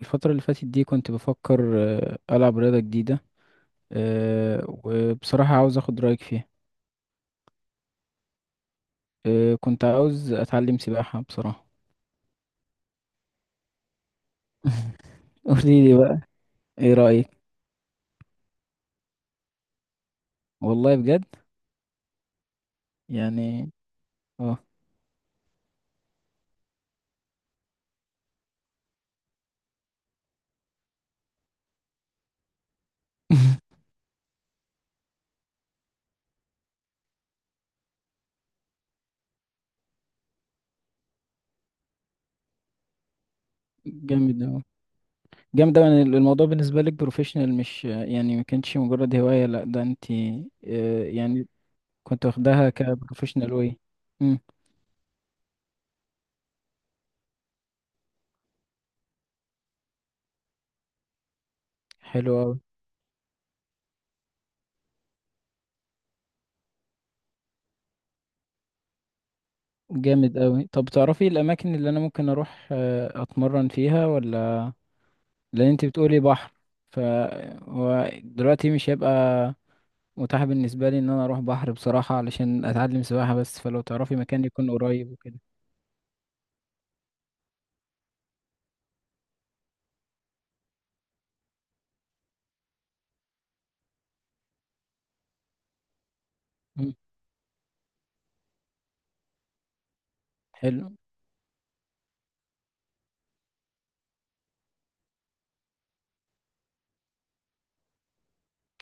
الفترة اللي فاتت دي كنت بفكر ألعب رياضة جديدة. وبصراحة عاوز أخد رأيك فيها. كنت عاوز أتعلم سباحة بصراحة. قولي لي بقى، إيه رأيك؟ والله بجد يعني اه. جامد أوي. جامد أوي، يعني الموضوع بالنسبة لك بروفيشنال، مش يعني ما كانتش مجرد هواية، لأ ده أنت يعني كنت واخداها كبروفيشنال، واي. مم، حلو أوي. جامد أوي، طب تعرفي الأماكن اللي أنا ممكن أروح أتمرن فيها ولا؟ لان انت بتقولي بحر، فهو دلوقتي مش هيبقى متاح بالنسبه لي ان انا اروح بحر بصراحه علشان اتعلم سباحه، بس فلو تعرفي مكان يكون قريب وكده. مم. حلو.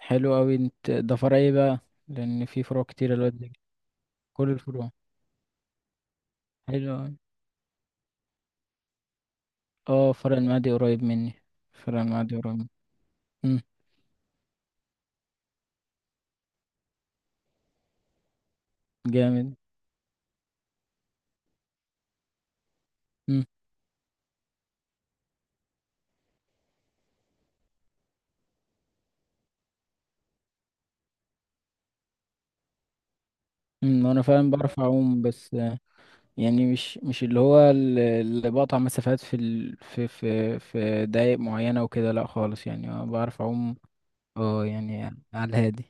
حلو قوي، انت ده فرع ايه بقى؟ لان في فروع كتير الواد ده. كل الفروع. حلو أوي. اه، فرع المعادي قريب مني. فرع المعادي قريب مني. مم. جامد. مم. مم. وانا فعلا بعرف اعوم، بس يعني مش اللي هو اللي بقطع مسافات في دقايق معينة وكده، لا خالص، يعني أنا بعرف أعوم. اه يعني. على الهادي.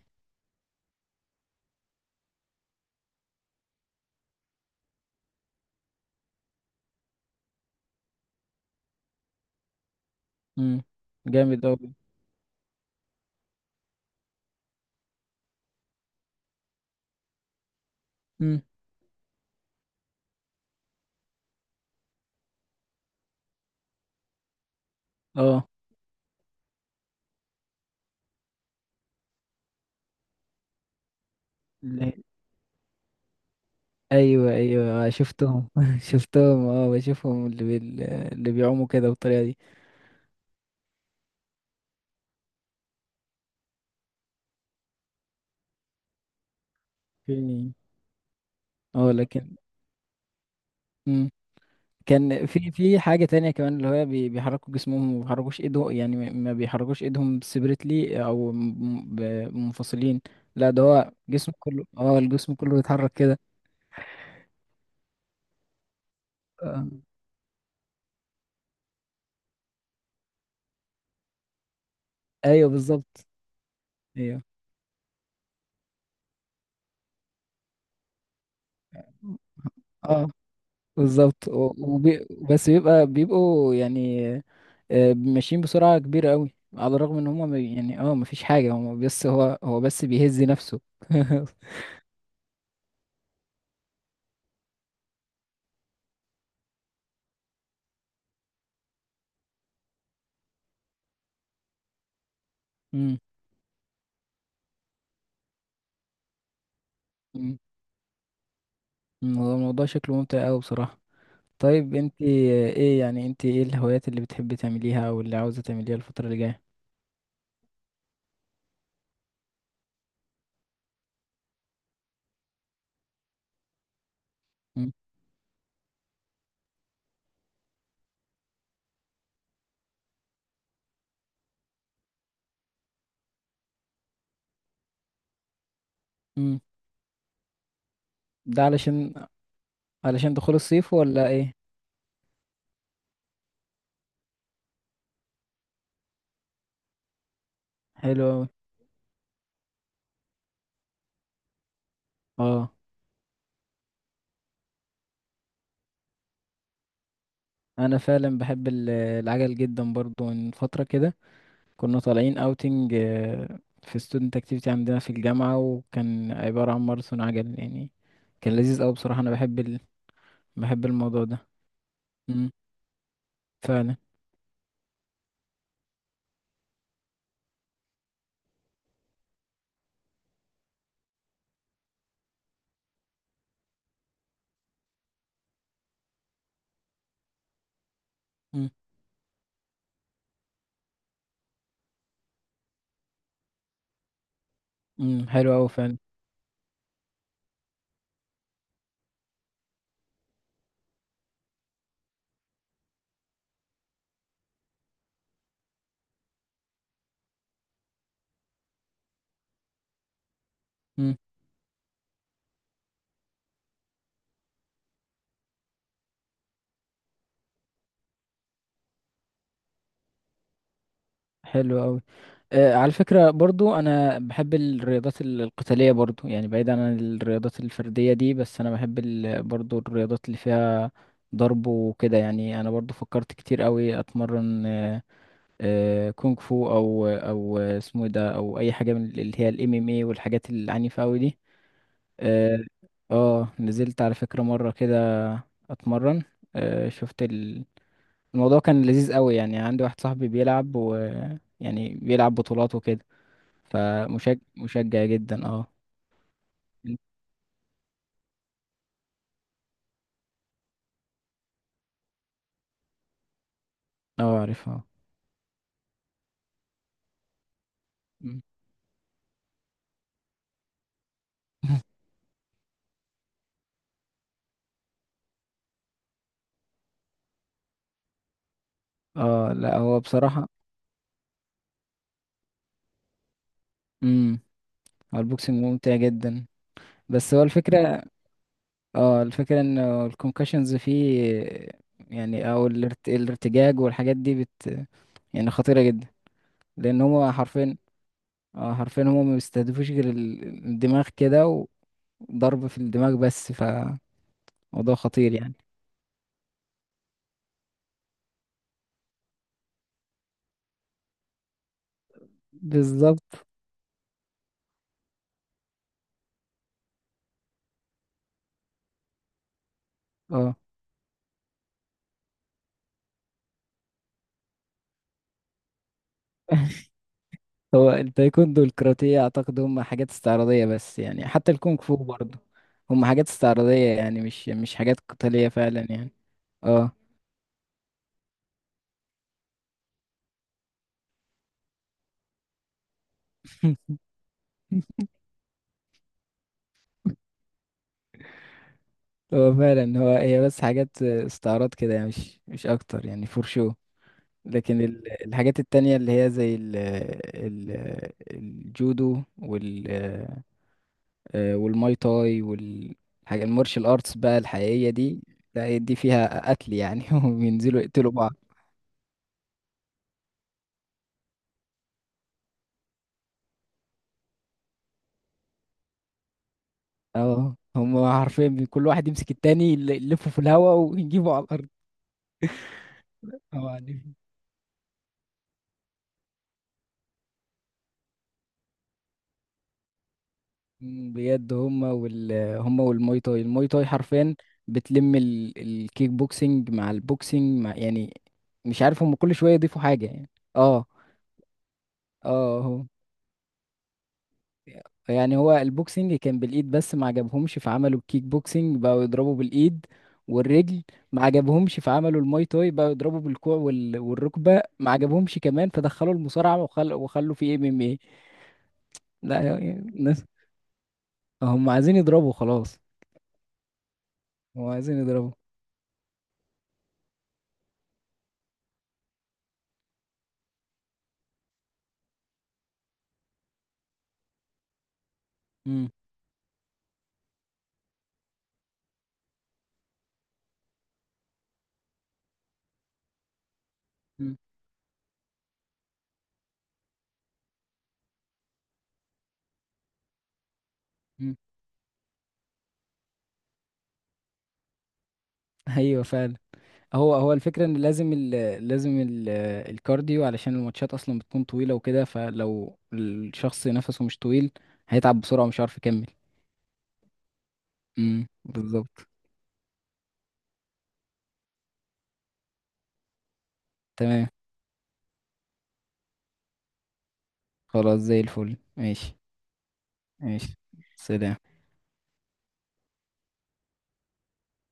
امم. جامد أوي. امم. اه. لا. ايوه ايوه شفتهم، شفتهم، بشوفهم، اللي بيعوموا كده بالطريقه دي. في. اه لكن. مم. كان في حاجة تانية كمان، اللي هو بيحركوا جسمهم وما بيحركوش ايدهم، يعني ما بيحركوش ايدهم سيبريتلي، او منفصلين لا ده هو جسمه كله، الجسم كله بيتحرك كده. آه. ايوه بالظبط. ايوه. اه بالظبط، بس بيبقى بيبقوا يعني ماشيين بسرعة كبيرة قوي، على الرغم ان هم يعني مفيش حاجة هم، بس هو بس بيهز نفسه. مم. مم. مم. هو الموضوع شكله ممتع قوي بصراحة. طيب انت ايه، يعني انت ايه الهوايات اللي بتحبي تعمليها او اللي عاوزة تعمليها الفترة اللي جاية؟ مم. مم. ده علشان علشان دخول الصيف ولا ايه؟ حلو اوي. اه، انا فعلا بحب العجل جدا برضو من فترة كده. كنا طالعين اوتنج في ستودنت اكتيفيتي عندنا في الجامعة، وكان عبارة عن ماراثون عجل يعني. كان لذيذ اوي بصراحة، انا بحب الموضوع ده. مم. فعلا. مم. مم. حلو اوي فعلا. حلو قوي. على فكرة برضو أنا بحب الرياضات القتالية، برضو يعني بعيدا عن الرياضات الفردية دي، بس أنا بحب برضو الرياضات اللي فيها ضرب وكده. يعني أنا برضو فكرت كتير قوي أتمرن كونغ فو، أو اسمه إيه ده، أو أي حاجة من اللي هي الام ام اي والحاجات العنيفة قوي دي. اه. نزلت على فكرة مرة كده أتمرن. شفت الموضوع كان لذيذ قوي، يعني عندي واحد صاحبي بيلعب يعني بيلعب بطولات وكده، فمشجع مشجع جدا، اه. اه عارفها. مم. اه لا، هو بصراحة. امم. هو البوكسنج ممتع جدا، بس هو الفكرة. اه الفكرة ان الكونكشنز فيه، يعني او الارتجاج والحاجات دي بت، يعني خطيرة جدا، لان هما حرفيا. اه حرفيا هما ما بيستهدفوش غير الدماغ كده، وضرب في الدماغ بس، فموضوع خطير يعني. بالظبط. اه، هو التايكوندو والكاراتيه اعتقد هم حاجات استعراضيه بس، يعني حتى الكونغ فو برضه هم حاجات استعراضيه، يعني مش حاجات قتاليه فعلا يعني. اه. هو فعلا، هو هي بس حاجات استعراض كده يعني، مش اكتر يعني، فور شو. لكن الحاجات التانية اللي هي زي ال ال الجودو والماي تاي والحاجة المارشال ارتس بقى الحقيقية دي. لا دي فيها قتل يعني، وبينزلوا يقتلوا بعض. اه هم حرفيا، كل واحد يمسك التاني، يلفه في الهواء ويجيبه على الارض. اه عليهم. مم، بجد هم هم والماي تاي. الماي تاي حرفيا بتلم الكيك بوكسينج مع البوكسينج، مع يعني مش عارف هم كل شويه يضيفوا حاجه يعني. اه. اه هو يعني هو البوكسينج كان بالايد بس ما عجبهمش، فعملوا الكيك بوكسينج بقوا يضربوا بالايد والرجل. ما عجبهمش فعملوا الماي تاي بقوا يضربوا بالكوع والركبه. ما عجبهمش كمان فدخلوا المصارعه وخلوا في إيه ام ام إيه. لا يعني الناس هم عايزين يضربوا خلاص. هو عايزين يضربوا. امم. امم. امم. ايوه فعلا. هو الفكره ان لازم الكارديو، علشان الماتشات اصلا بتكون طويله وكده، فلو الشخص نفسه مش طويل هيتعب بسرعه ومش عارف يكمل. بالظبط. تمام. خلاص زي الفل، ماشي. ماشي. سلام.